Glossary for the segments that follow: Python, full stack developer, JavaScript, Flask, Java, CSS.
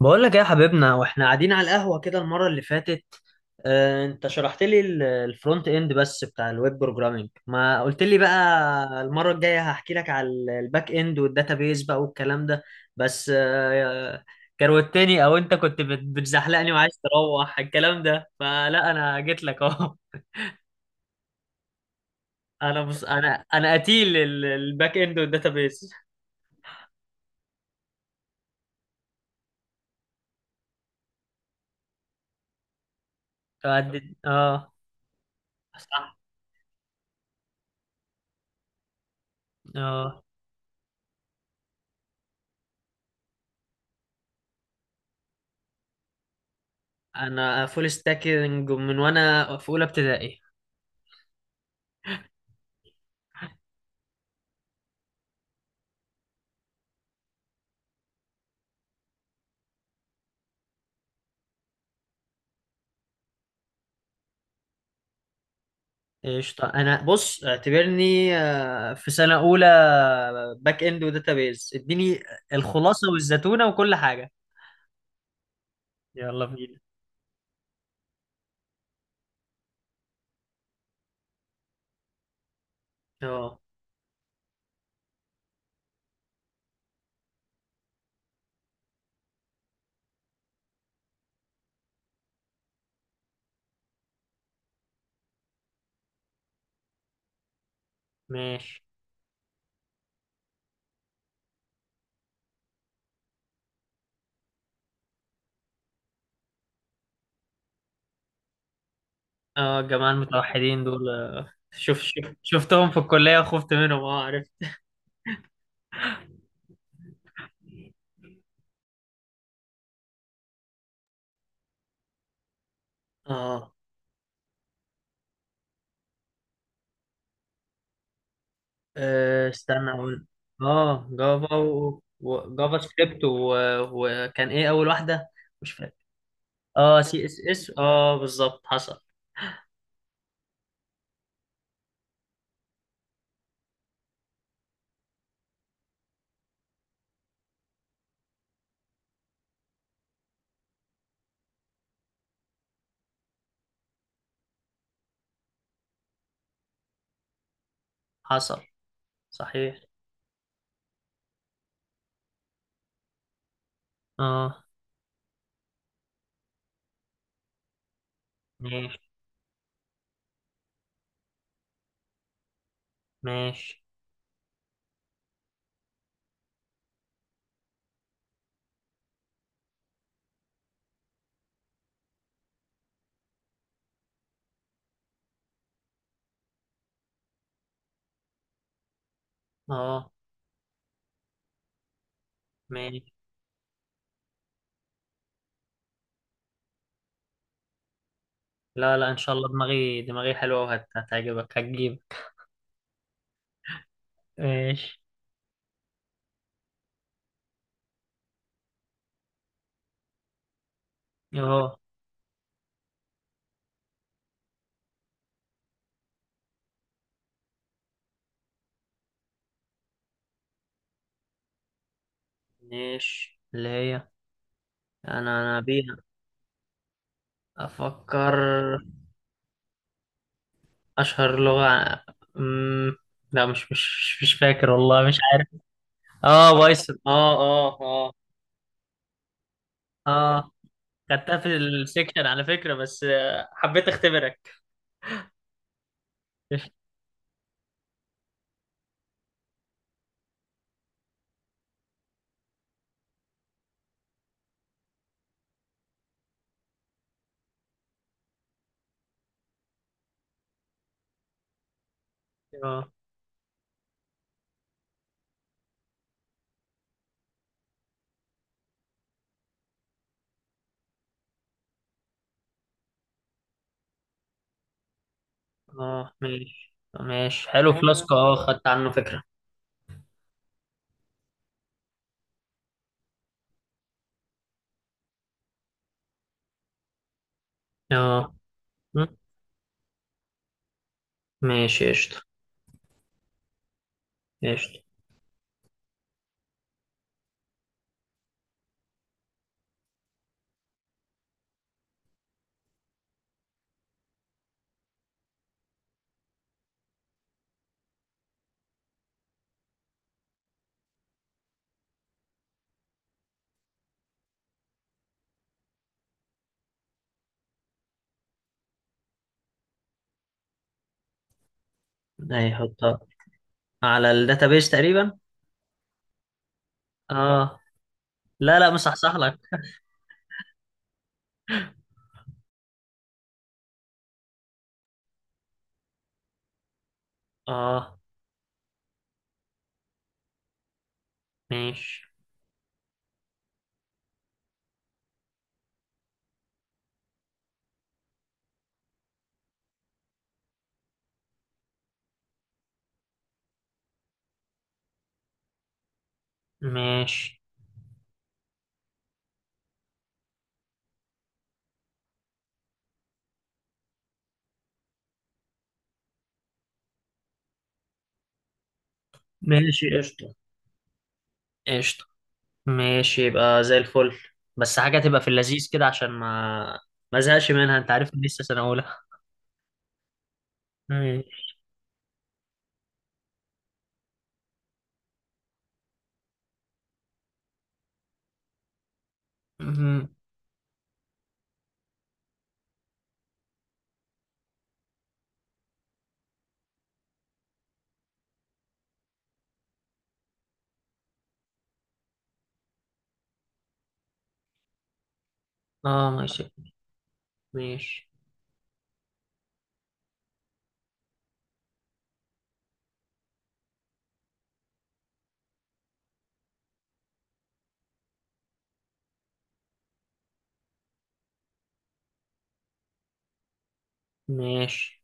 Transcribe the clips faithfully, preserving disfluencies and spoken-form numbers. بقول لك ايه يا حبيبنا واحنا قاعدين على القهوة كده المرة اللي فاتت. آه، انت شرحت لي ال- الفرونت اند بس بتاع الويب بروجرامينج، ما قلت لي بقى المرة الجاية هحكي لك على ال- الباك اند والداتابيز بقى والكلام ده. بس آه، كروتني او انت كنت بت- بتزحلقني وعايز تروح الكلام ده، فلا انا جيت لك اهو. انا بص، انا انا قتيل ال- الباك اند والداتابيز. فعد- اه. صح. اه. انا فول ستاكينج من وانا في اولى ابتدائي. قشطة. أنا بص اعتبرني آه، في سنة أولى باك إند وداتابيز، اديني الخلاصة والزتونة وكل حاجة. يلا بينا. اه ماشي. اه، الجماعة المتوحدين دول آه، شوف، شوف، شفتهم في الكلية وخفت منهم، اه عارف. اه. آه، استنى أقول. اه، جافا و... و... جافا سكريبت و... وكان إيه أول واحدة؟ مش فاكر. اه سي اس اس، اه بالظبط حصل. حصل. صحيح. اه ماشي. ماشي. اه ماشي. لا لا ان شاء الله، دماغي دماغي حلوه وهتعجبك هتجيب. ماشي. اهو. ماشي اللي هي. انا انا بيها. افكر. اشهر لغه. أمم، لا، مش مش مش فاكر والله، مش عارف. اه بايثون. اه اه اه. اه خدتها في السكشن على فكره، بس آه، حبيت اختبرك. اه اه. ماشي. ماشي حلو فلاسكو، اه خدت عنه فكرة. اه. م- ماشي. قشطة. قشطة. هيحطها على الداتابيس تقريبا. اه. لا لا مصحصح لك. اه. ماشي. ماشي. ماشي قشطة. قشطة. ماشي، يبقى زي الفل. بس حاجة تبقى في اللذيذ كده، عشان ما ما ازهقش منها، انت عارف إني لسه سنة أولى. ماشي. مهم. اه ماشي. ماشي. ماشي.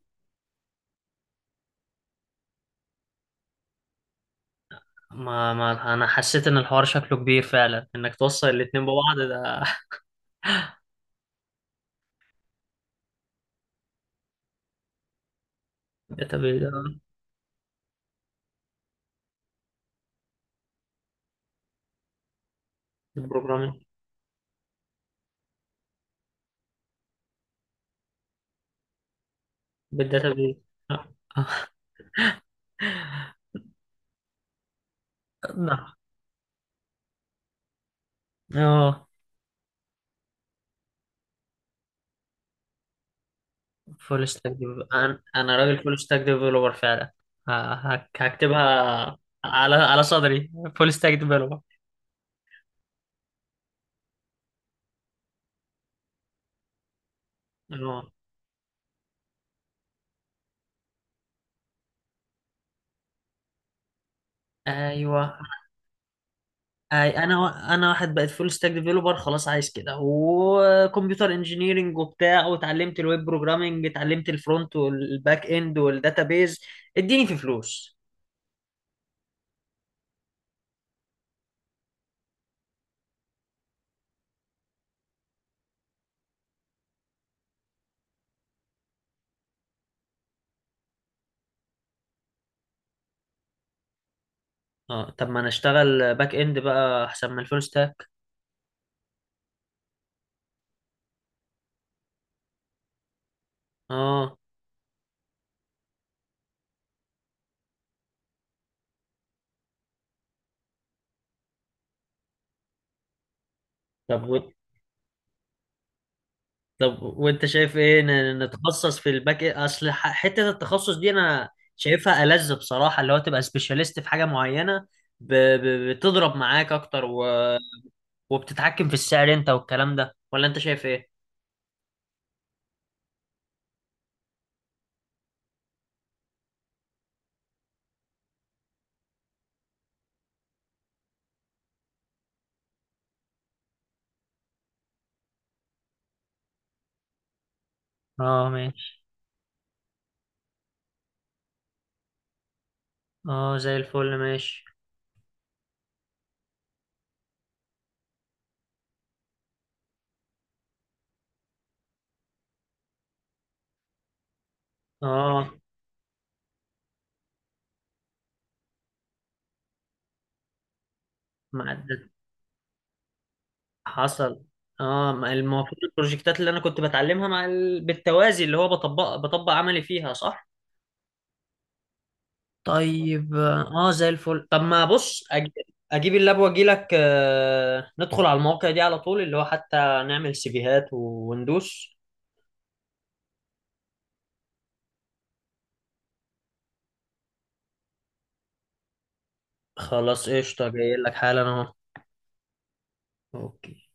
ما ما انا حسيت ان الحوار شكله كبير فعلا، انك توصل الاتنين ببعض ده. داتابيس. بروجرامينج. بالداتابيس. اه. آه. نعم. آه. فول ستاك ديفلوبر. انا أنا راجل فول ستاك ديفلوبر فعلا. ه- هك- هكتبها على على صدري: فول ستاك ديفلوبر. اه. ايوه. أي انا و... انا واحد بقيت فول ستاك ديفلوبر خلاص، عايز كده وكمبيوتر انجينيرنج وبتاع، واتعلمت الويب بروجرامنج، اتعلمت الفرونت والباك اند والداتابيز. اديني في فلوس. اه، طب ما انا اشتغل باك اند بقى، احسن من الفول ستاك. اه. طب طب وانت شايف ايه ن- نتخصص في الباك إيه؟ اصل ح- حته التخصص دي انا شايفها ألذ بصراحه، اللي هو تبقى سبيشاليست في حاجه معينه، ب... ب... بتضرب معاك اكتر و... وبتتحكم في السعر انت والكلام ده، ولا انت شايف ايه؟ اه ماشي. اه زي الفل ماشي. اه. مع الد- حصل. اه، ما المفروض البروجكتات اللي انا كنت بتعلمها مع ال... بالتوازي، اللي هو بطبق، بطبق عملي فيها، صح؟ طيب. اه زي الفل. طب ما بص، أج... اجيب اللاب واجي لك. آه... ندخل على المواقع دي على طول، اللي هو حتى نعمل سيفيهات وندوس. خلاص قشطة، جاي لك حالا اهو. اوكي.